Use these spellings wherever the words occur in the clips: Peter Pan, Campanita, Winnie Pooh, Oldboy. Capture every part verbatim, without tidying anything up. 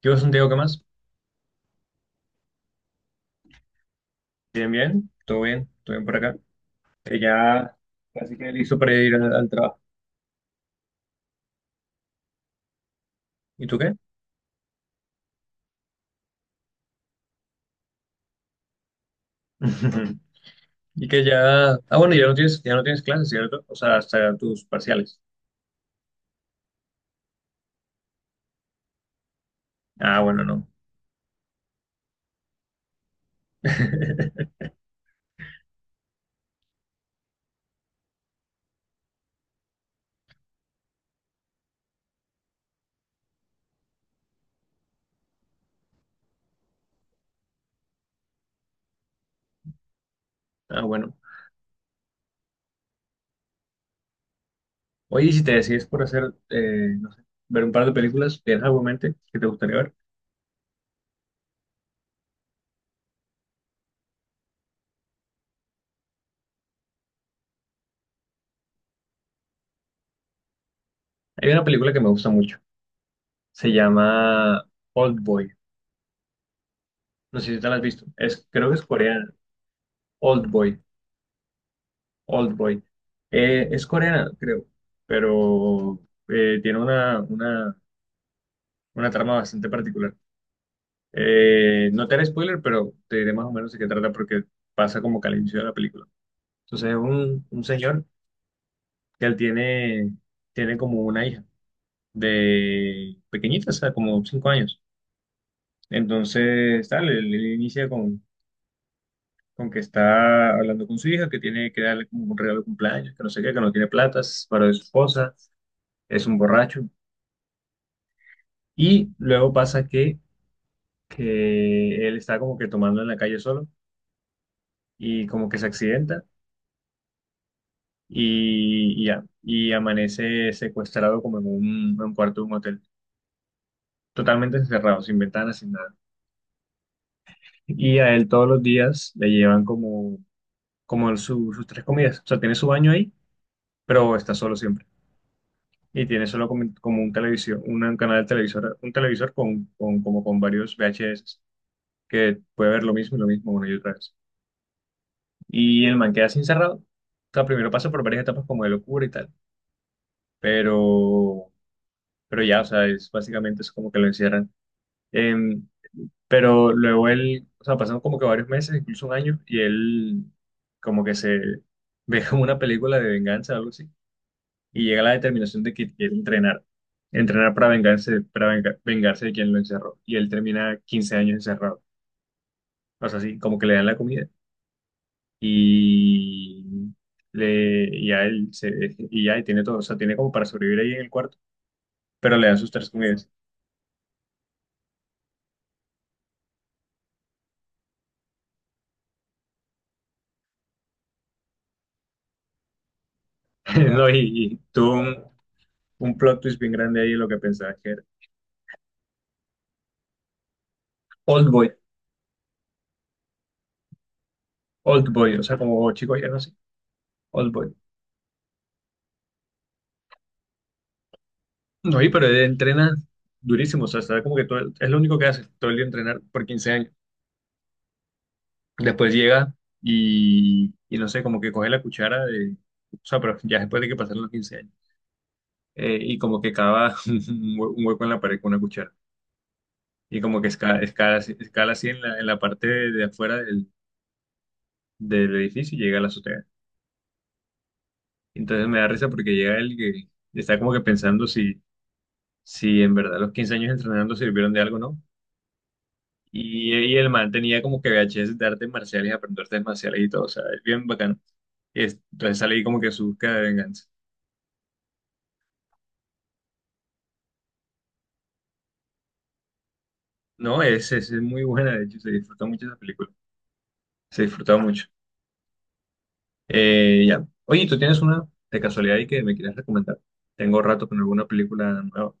¿Qué vos, Santiago, qué más? Bien, bien, todo bien, todo bien por acá. Que ya casi que listo para ir al, al trabajo. ¿Y tú qué? Y que ya. Ah, bueno, ya no tienes, ya no tienes clases, ¿cierto? O sea, hasta tus parciales. Ah, bueno, no. Ah, bueno. Oye, ¿y si te decides por hacer, eh, no sé, ver un par de películas, ¿tienes algo en mente que te gustaría ver? Hay una película que me gusta mucho. Se llama Old Boy. No sé si te la has visto. Es, creo que es coreana. Old Boy. Oldboy. Eh, es coreana, creo, pero eh, tiene una, una, una trama bastante particular. Eh, no te haré spoiler, pero te diré más o menos de qué trata porque pasa como que al inicio de la película. Entonces es un, un señor que él tiene, tiene como una hija de pequeñita, o sea, como cinco años. Entonces, tal, él, él inicia con, con que está hablando con su hija, que tiene que darle como un regalo de cumpleaños, que no sé qué, que no tiene platas para su esposa, es un borracho. Y luego pasa que, que él está como que tomando en la calle solo y como que se accidenta y, y ya, y amanece secuestrado como en un, en un cuarto de un hotel, totalmente encerrado, sin ventanas, sin nada. Y a él todos los días le llevan como, como su- sus tres comidas. O sea, tiene su baño ahí, pero está solo siempre. Y tiene solo como, como un televisión, una- un canal de televisor, un televisor con, con, como con varios V H S que puede ver lo mismo y lo mismo una y otra vez. Y el man queda así encerrado. O sea, primero pasa por varias etapas como de locura y tal. Pero, pero ya, o sea, es básicamente es como que lo encierran. Em, pero luego él, o sea, pasan como que varios meses, incluso un año, y él como que se ve como una película de venganza o algo así. Y llega a la determinación de que quiere entrenar. Entrenar para vengarse, para venga- vengarse de quien lo encerró. Y él termina quince años encerrado. O sea, así como que le dan la comida. Y le y a él se, y ya y tiene todo, o sea, tiene como para sobrevivir ahí en el cuarto, pero le dan sus tres comidas. No, y, y tuvo un, un plot twist bien grande ahí lo que pensaba que era Old Boy, Old Boy, o sea, como chico ya no sé, Old Boy. No, y pero él entrena durísimo, o sea, está como que todo, el- es lo único que hace, todo el día entrenar por quince años. Después llega y, y no sé, como que coge la cuchara de, o sea, pero ya después de que pasaron los quince años, eh, y como que cava un hue- un hueco en la pared con una cuchara. Y como que escala, escala, así- escala así en la, en la parte de, de afuera del, del edificio y llega a la azotea. Entonces me da risa porque llega él que está como que pensando si, si en verdad los quince años entrenando sirvieron de algo o no. Y, y el man tenía como que V H S de artes marciales, aprender artes marciales y todo, o sea, es bien bacano. Y es- entonces sale ahí como que su búsqueda de venganza. No, es, es es muy buena, de hecho, se disfrutó mucho esa película. Se disfrutó mucho. Eh, ya. Oye, ¿tú tienes una de casualidad y que me quieras recomendar? Tengo rato con alguna película nueva.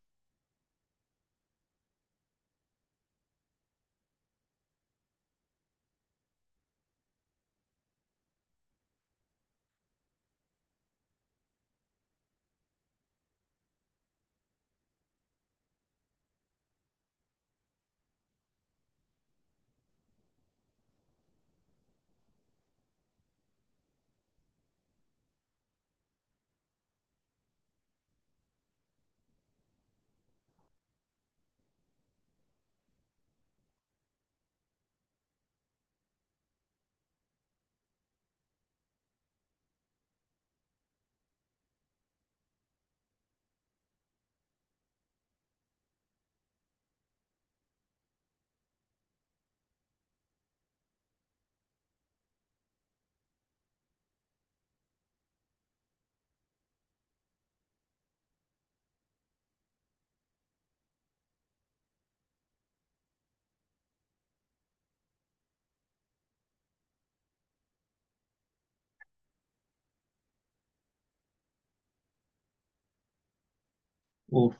Uf,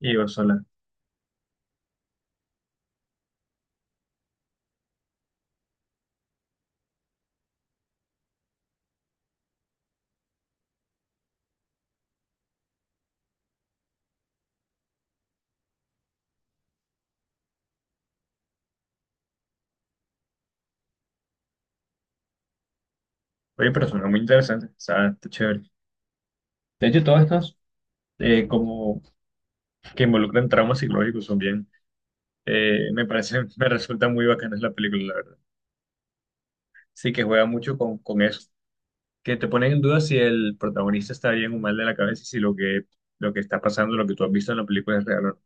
y yo sola. Oye, pero suena muy interesante. O sea, está chévere. De hecho, todas estas eh, como que involucran traumas psicológicos son bien. Eh, me parece, me resulta muy bacana la película, la verdad. Sí que juega mucho con, con eso. Que te ponen en duda si el protagonista está bien o mal de la cabeza y si lo que, lo que está pasando, lo que tú has visto en la película es real o no.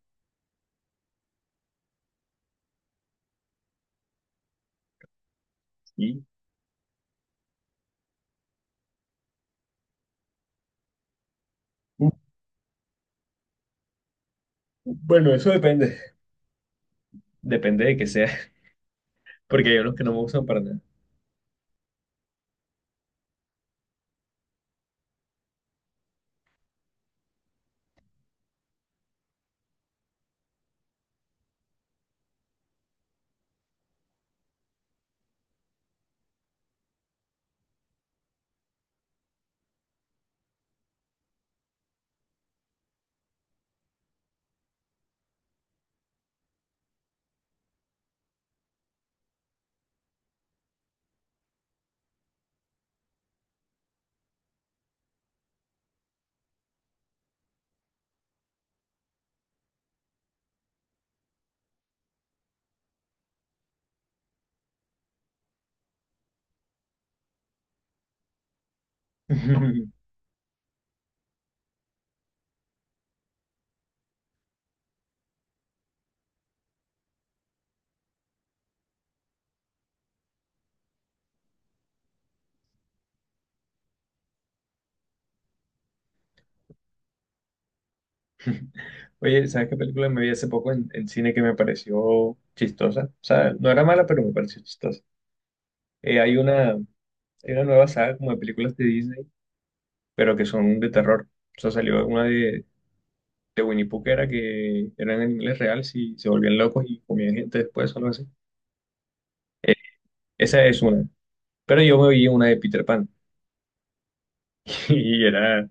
Y uh, bueno, eso depende. Depende de que sea. Porque hay unos que no me gustan para nada. Oye, ¿sabes qué película me vi hace poco en, en cine que me pareció chistosa? O sea, no era mala, pero me pareció chistosa. Eh, hay una, hay una nueva saga como de películas de Disney, pero que son de terror. O sea, salió una de, de Winnie Pooh que era que eran animales reales y se volvían locos y comían gente después o algo así. Esa es una. Pero yo me vi una de Peter Pan y era,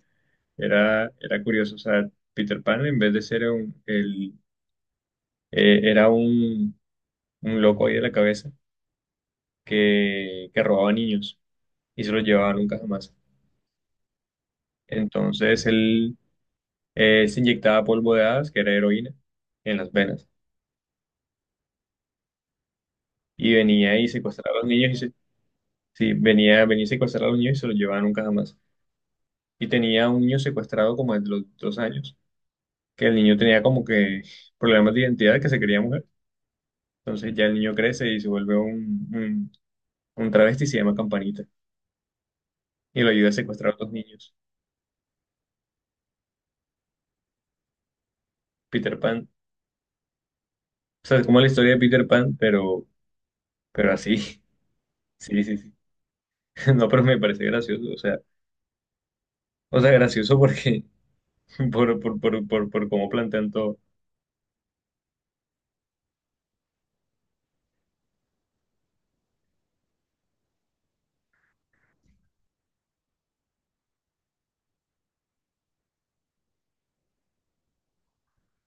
era, era curioso. O sea, Peter Pan en vez de ser un, el, eh, era un, un loco ahí de la cabeza que, que robaba niños y se lo llevaba nunca jamás. Entonces él eh, se inyectaba polvo de hadas, que era heroína, en las venas. Y venía y secuestraba a los niños y se, sí, venía, venía y secuestraba a los niños y se los llevaba nunca jamás. Y tenía un niño secuestrado como de los dos años, que el niño tenía como que problemas de identidad, que se quería mujer. Entonces ya el niño crece y se vuelve un, un, un travesti y se llama Campanita. Y lo ayuda a secuestrar a otros niños. Peter Pan. O sea, es como la historia de Peter Pan, pero, pero así. Sí, sí, sí. No, pero me parece gracioso. O sea, o sea, gracioso porque por, por, por, por, por cómo plantean todo.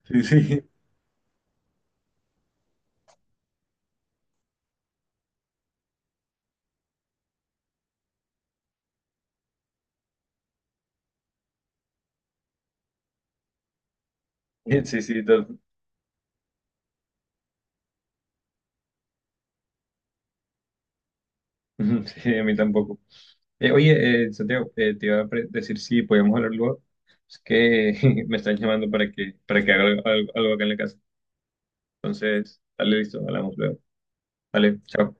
Sí, sí, sí, sí, to- sí, a mí tampoco. Eh, oye, eh, Santiago, eh, te iba a pre- decir si podíamos hablar luego. Es que me están llamando para que, para que haga algo, algo acá en la casa. Entonces, dale, listo, hablamos luego. Dale, chao.